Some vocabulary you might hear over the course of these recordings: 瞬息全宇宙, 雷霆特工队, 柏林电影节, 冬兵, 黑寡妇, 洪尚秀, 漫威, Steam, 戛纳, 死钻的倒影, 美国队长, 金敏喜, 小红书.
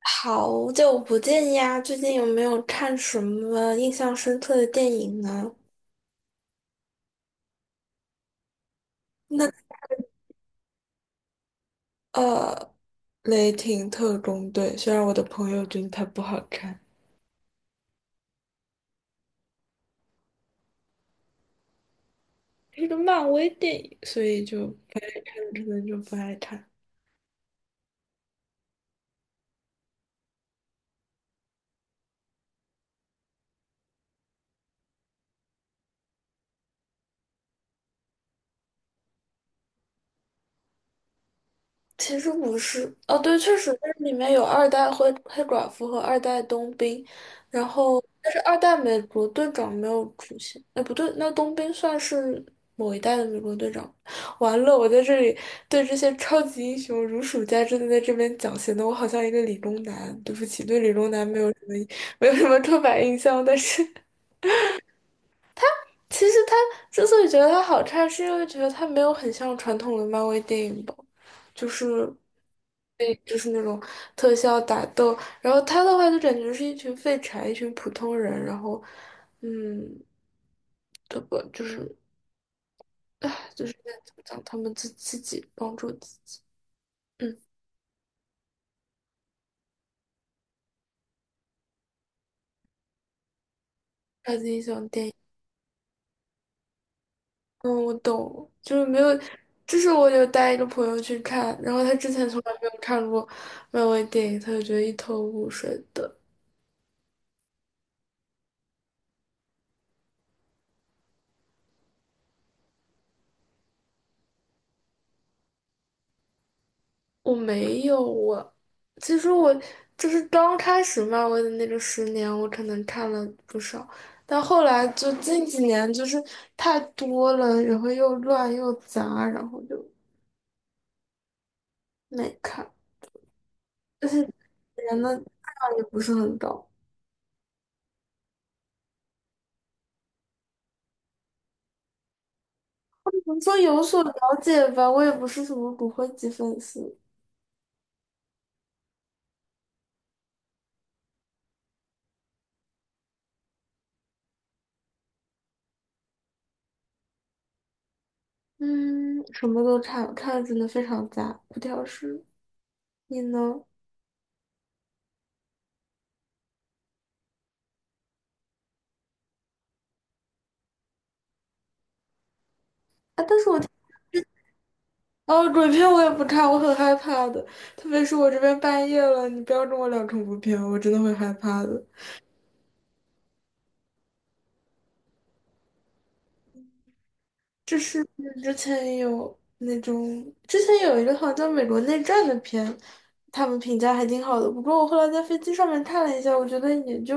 好久不见呀，最近有没有看什么印象深刻的电影呢？那呃，《雷霆特工队》，虽然我的朋友觉得它不好看，是个漫威电影，所以可能不爱看。其实不是，哦，对，确实，但是里面有二代黑寡妇和二代冬兵，然后但是二代美国队长没有出现，哎，不对，那冬兵算是某一代的美国队长。完了，我在这里对这些超级英雄如数家珍的在这边讲，显得我好像一个理工男。对不起，对理工男没有什么刻板印象，但是其实他之所以觉得他好看，是因为觉得他没有很像传统的漫威电影吧。就是对，就是那种特效打斗，然后他的话就感觉是一群废柴，一群普通人，然后，嗯，这个就是，唉，就是在怎么讲，他们自己帮助自己，嗯，超级英雄电影，嗯，我懂，就是没有，就是我有带一个朋友去看，然后他之前从来没有看过漫威电影，他就觉得一头雾水的，我没有我，其实我就是刚开始漫威的那个10年，我可能看了不少，但后来就近几年就是太多了，然后又乱又杂，然后就没看，而且人的质量也不是很高。怎么说有所了解吧，我也不是什么骨灰级粉丝，嗯，什么都看，看的真的非常杂，不挑食。你呢？啊，但是我哦，鬼片我也不看，我很害怕的，特别是我这边半夜了，你不要跟我聊恐怖片，我真的会害怕的。就是之前有那种，之前有一个好像美国内战的片，他们评价还挺好的，不过我后来在飞机上面看了一下，我觉得也就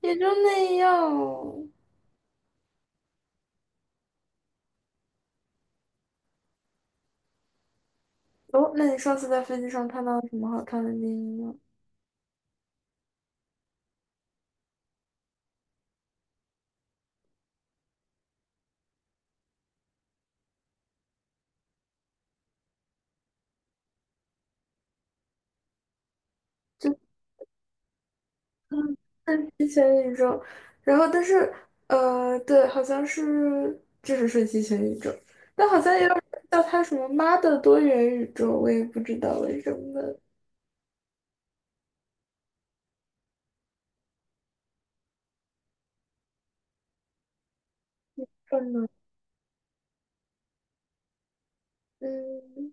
也就那样。哦，那你上次在飞机上看到什么好看的电影吗？嗯，是之前宇宙，然后但是对，好像是就是瞬息全宇宙，但好像也有人叫它什么“妈的多元宇宙”，我也不知道为什么。可能，嗯，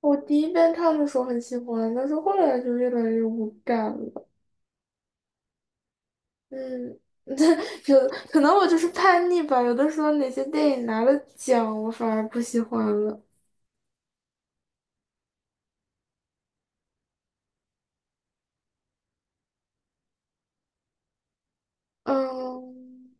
我第一遍看的时候很喜欢，但是后来就越来越无感了。嗯，有可能我就是叛逆吧，有的时候哪些电影拿了奖，我反而不喜欢了。嗯。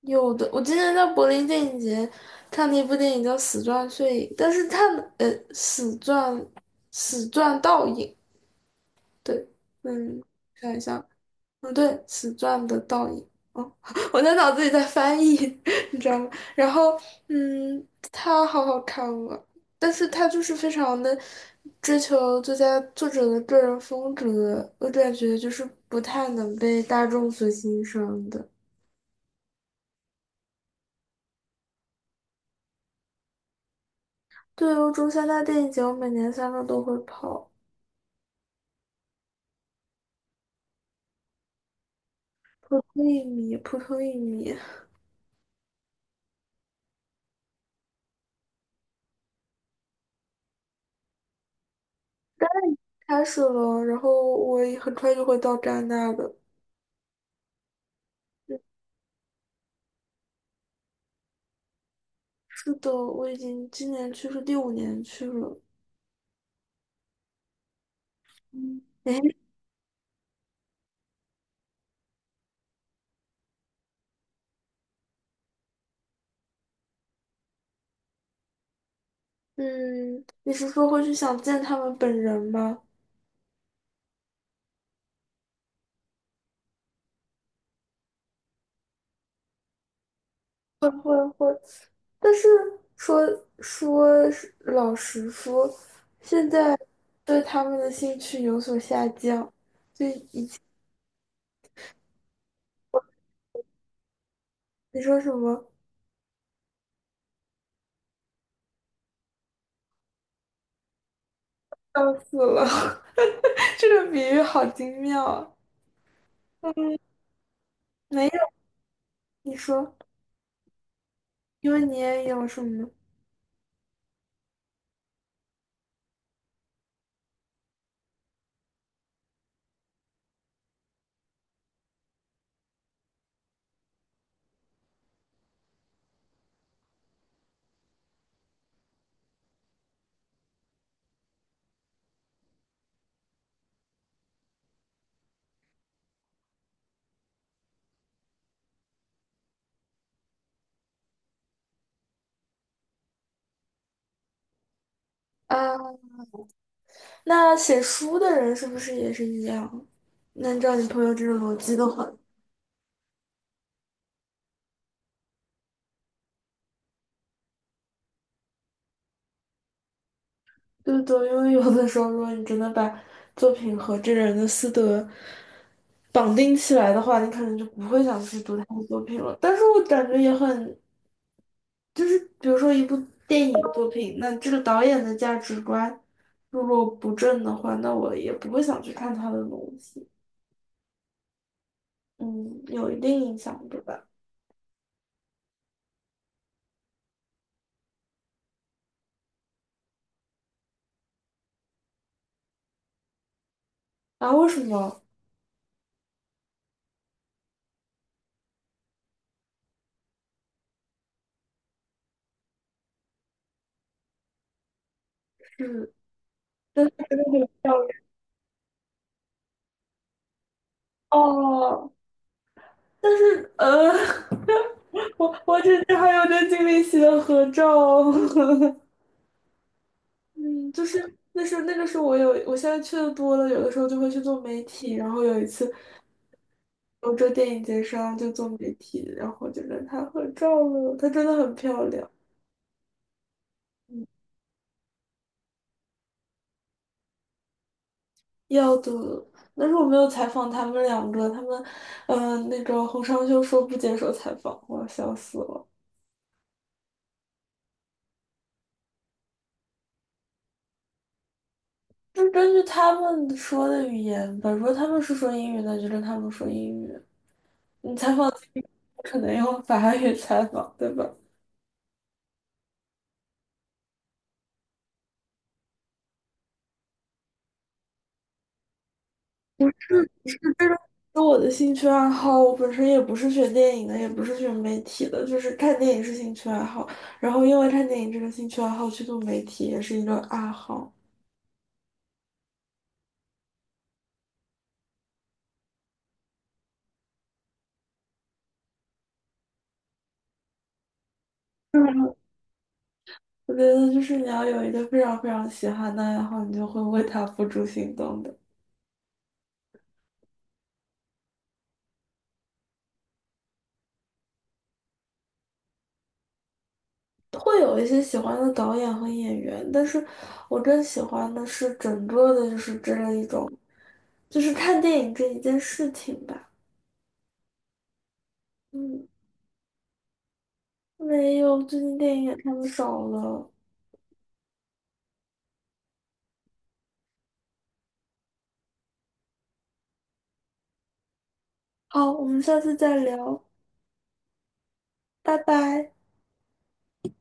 有的，我之前在柏林电影节看了一部电影叫《死钻碎影》，但是它呃，《死钻，死钻倒影》对，嗯，看一下，嗯，对，《死钻的倒影》哦，我在脑子里在翻译，你知道吗？然后嗯，它好好看啊，但是它就是非常的追求作家作者的个人风格，我感觉就是不太能被大众所欣赏的。对，欧洲三大电影节，我每年3月都会跑，普通一米，普通一米开始了，然后我也很快就会到戛纳的。嗯是的，我已经今年去是第5年去了。嗯，诶，嗯，你是说会去想见他们本人吗？会，但是说老实说，现在对他们的兴趣有所下降，对，以前你说什么？笑死了，这个比喻好精妙啊！没有，你说，因为你也有什么啊？那写书的人是不是也是一样？那按照你朋友这种逻辑的话，对不对？因为有的时候，如果你真的把作品和这个人的私德绑定起来的话，你可能就不会想去读他的作品了。但是我感觉也很就是比如说一部电影作品，那这个导演的价值观如果不正的话，那我也不会想去看他的东西。嗯，有一定影响，对吧？啊，为什么？是，但是真的很漂亮哦。但是我之前还有跟金敏喜的合照。嗯，就是那是那个时候我有，我现在去的多了，有的时候就会去做媒体，然后有一次。欧洲电影节上就做媒体，然后就跟她合照了。她真的很漂亮，要的。但是我没有采访他们两个，他们，那个洪尚秀说不接受采访，我笑死了。就是根据他们说的语言吧，如果他们是说英语，那就跟他们说英语。你采访自己可能用法语采访，对吧？那我的兴趣爱好，我本身也不是学电影的，也不是学媒体的，就是看电影是兴趣爱好。然后因为看电影这个兴趣爱好去做媒体也是一个爱好。嗯，我觉得就是你要有一个非常非常喜欢的爱好，你就会为它付诸行动的。会有一些喜欢的导演和演员，但是我更喜欢的是整个的，就是这样一种，就是看电影这一件事情吧。嗯，没有，最近电影也看的少了。好，我们下次再聊。拜拜。